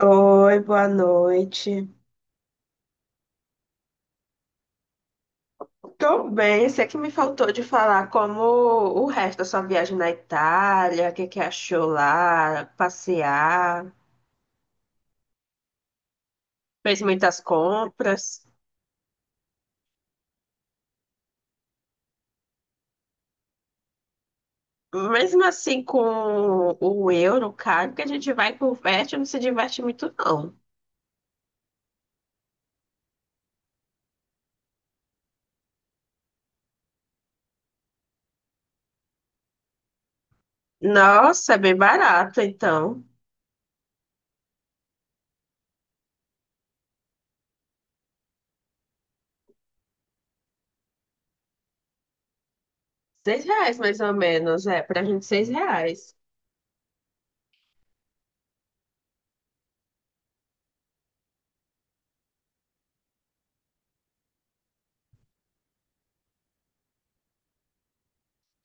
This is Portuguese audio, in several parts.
Oi, boa noite. Tô bem, sei que me faltou de falar como o resto da sua viagem na Itália, o que que achou lá, passear, fez muitas compras. Mesmo assim, com o euro caro, que a gente vai e converte, não se diverte muito, não. Nossa, é bem barato, então. Seis reais, mais ou menos, é, pra gente seis reais.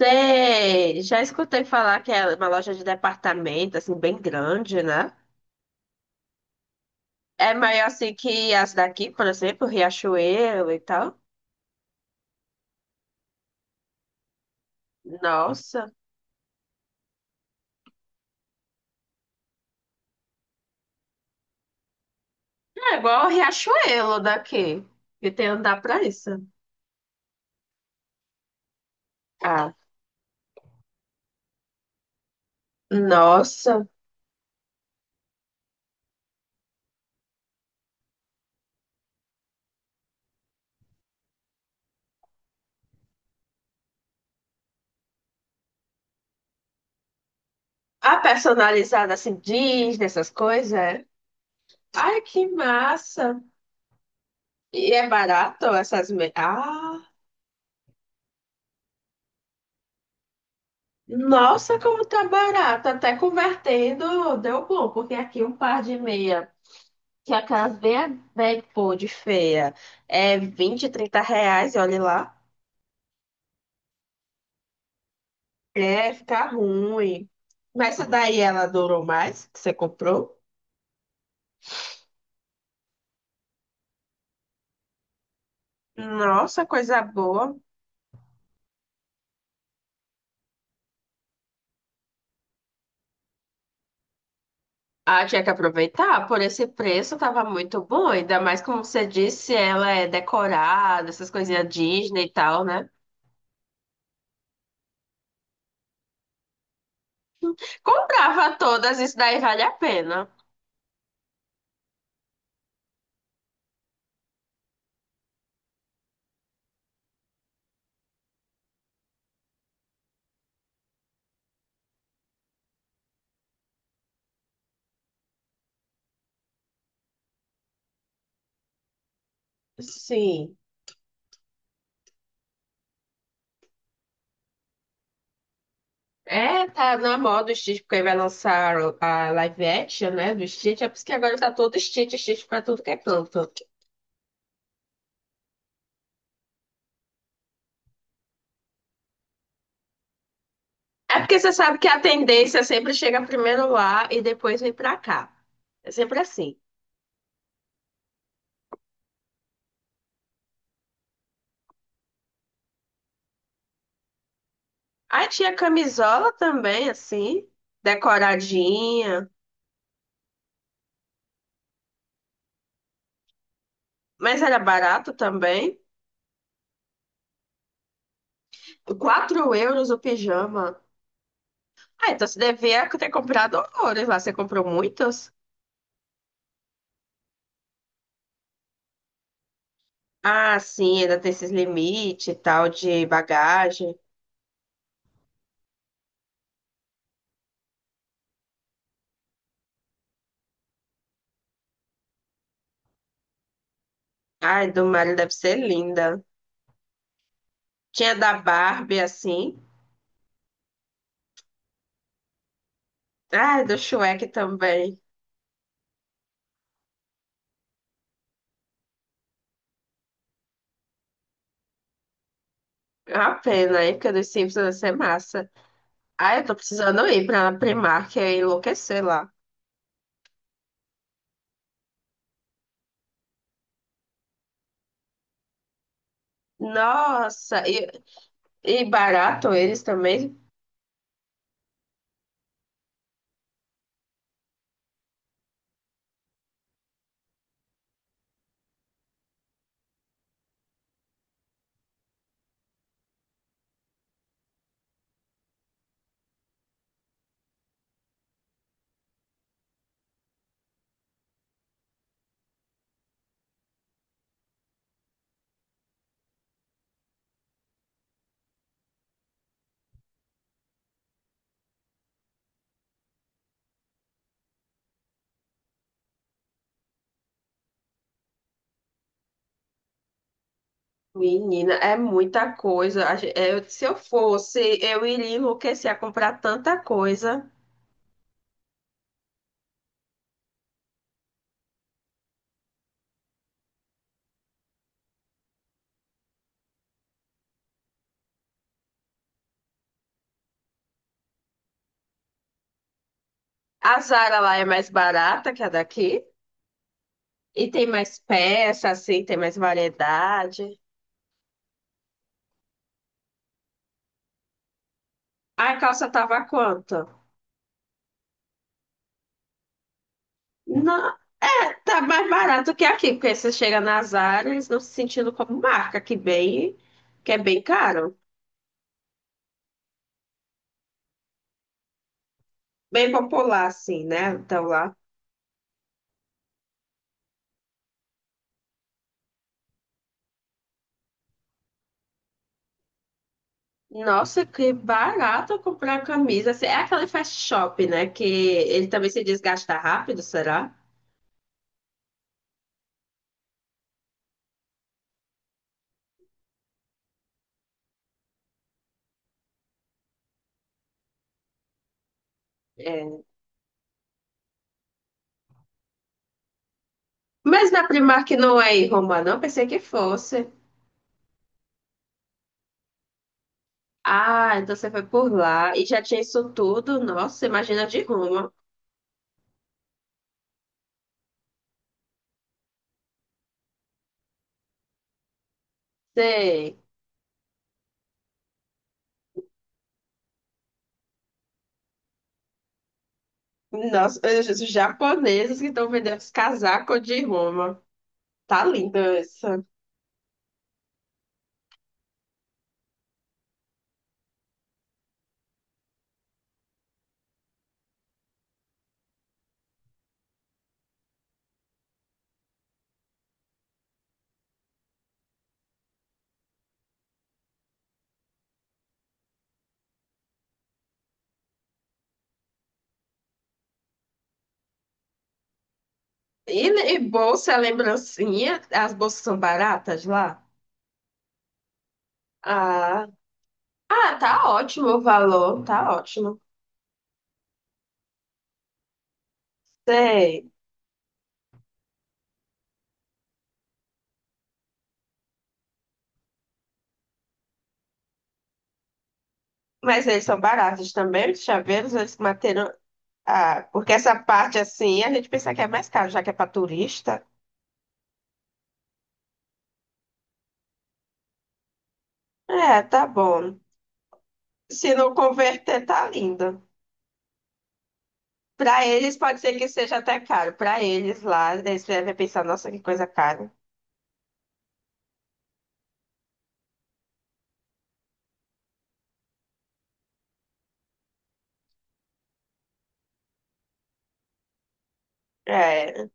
Sei, já escutei falar que é uma loja de departamento, assim, bem grande, né? É maior assim que as daqui, por exemplo, Riachuelo e tal. Nossa, é igual o Riachuelo daqui, que tem andar pra isso. Ah, nossa. A personalizada assim, Disney, essas coisas. É? Ai, que massa. E é barato essas... me- Ah, nossa, como tá barato. Até convertendo deu bom, porque aqui um par de meia, que é aquelas bem, bem pô, de feia, é 20, 30 reais, olha lá. É, fica ruim. Mas essa daí ela durou mais, que você comprou? Nossa, coisa boa. Ah, tinha que aproveitar. Por esse preço tava muito bom. Ainda mais como você disse, ela é decorada, essas coisinhas Disney e tal, né? Comprava todas, isso daí vale a pena. Sim. É, tá na moda o Stitch, porque aí vai lançar a live action, né, do Stitch. É por isso que agora tá todo Stitch, Stitch pra tudo que é canto. É porque você sabe que a tendência sempre chega primeiro lá e depois vem pra cá. É sempre assim. Aí tinha camisola também, assim, decoradinha, mas era barato também. 4 euros o pijama. Ah, então você devia ter comprado horrores lá. Você comprou muitos? Ah, sim, ainda tem esses limites e tal de bagagem. Ai, do Mario deve ser linda. Tinha da Barbie, assim. Ai, do Shrek também. É uma pena, hein? Porque dos Simpsons deve ser massa. Ah, eu tô precisando ir pra Primark e enlouquecer lá. Nossa, e barato eles também. Menina, é muita coisa. A gen- eu- se eu fosse, eu iria enlouquecer a comprar tanta coisa. A Zara lá é mais barata que a daqui. E tem mais peça, assim, tem mais variedade. A calça tava quanto? Não, tá mais barato que aqui, porque você chega na Zara, eles não se sentindo como marca, que bem, que é bem caro. Bem popular, assim, né? Então lá. Nossa, que barato comprar camisa. Assim, é aquele fast shop, né? Que ele também se desgasta rápido, será? É. Mas na Primark não é em Roma, não. Pensei que fosse. Ah, então você foi por lá e já tinha isso tudo. Nossa, imagina de Roma. Sei. Nossa, os japoneses que estão vendendo os casacos de Roma. Tá lindo isso. E, e bolsa, lembrancinha. As bolsas são baratas lá? Ah. Ah, tá ótimo o valor, tá ótimo. Sei. Mas eles são baratos também, os chaveiros, eles bateram. Ah, porque essa parte assim, a gente pensa que é mais caro, já que é para turista. É, tá bom. Se não converter, tá lindo. Para eles pode ser que seja até caro. Para eles lá, eles devem pensar, nossa, que coisa cara. É,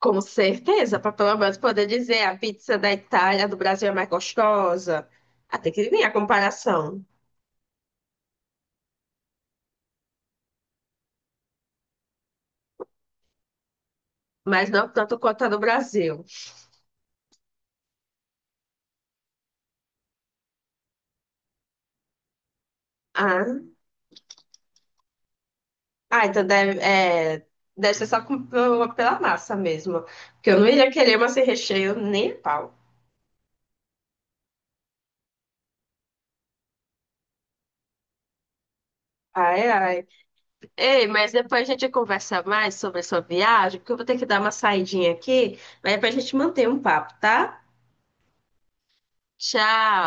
com certeza, para pelo menos poder dizer, a pizza da Itália, do Brasil é mais gostosa. Ah, tem que vir a comparação, mas não tanto quanto a do Brasil. Ah, ah, então deve, é, deve ser só com- pela massa mesmo. Porque eu não iria querer uma sem recheio nem a pau. Ai, ai. Ei, mas depois a gente conversa mais sobre a sua viagem, porque eu vou ter que dar uma saidinha aqui, mas depois a gente mantém um papo, tá? Tchau!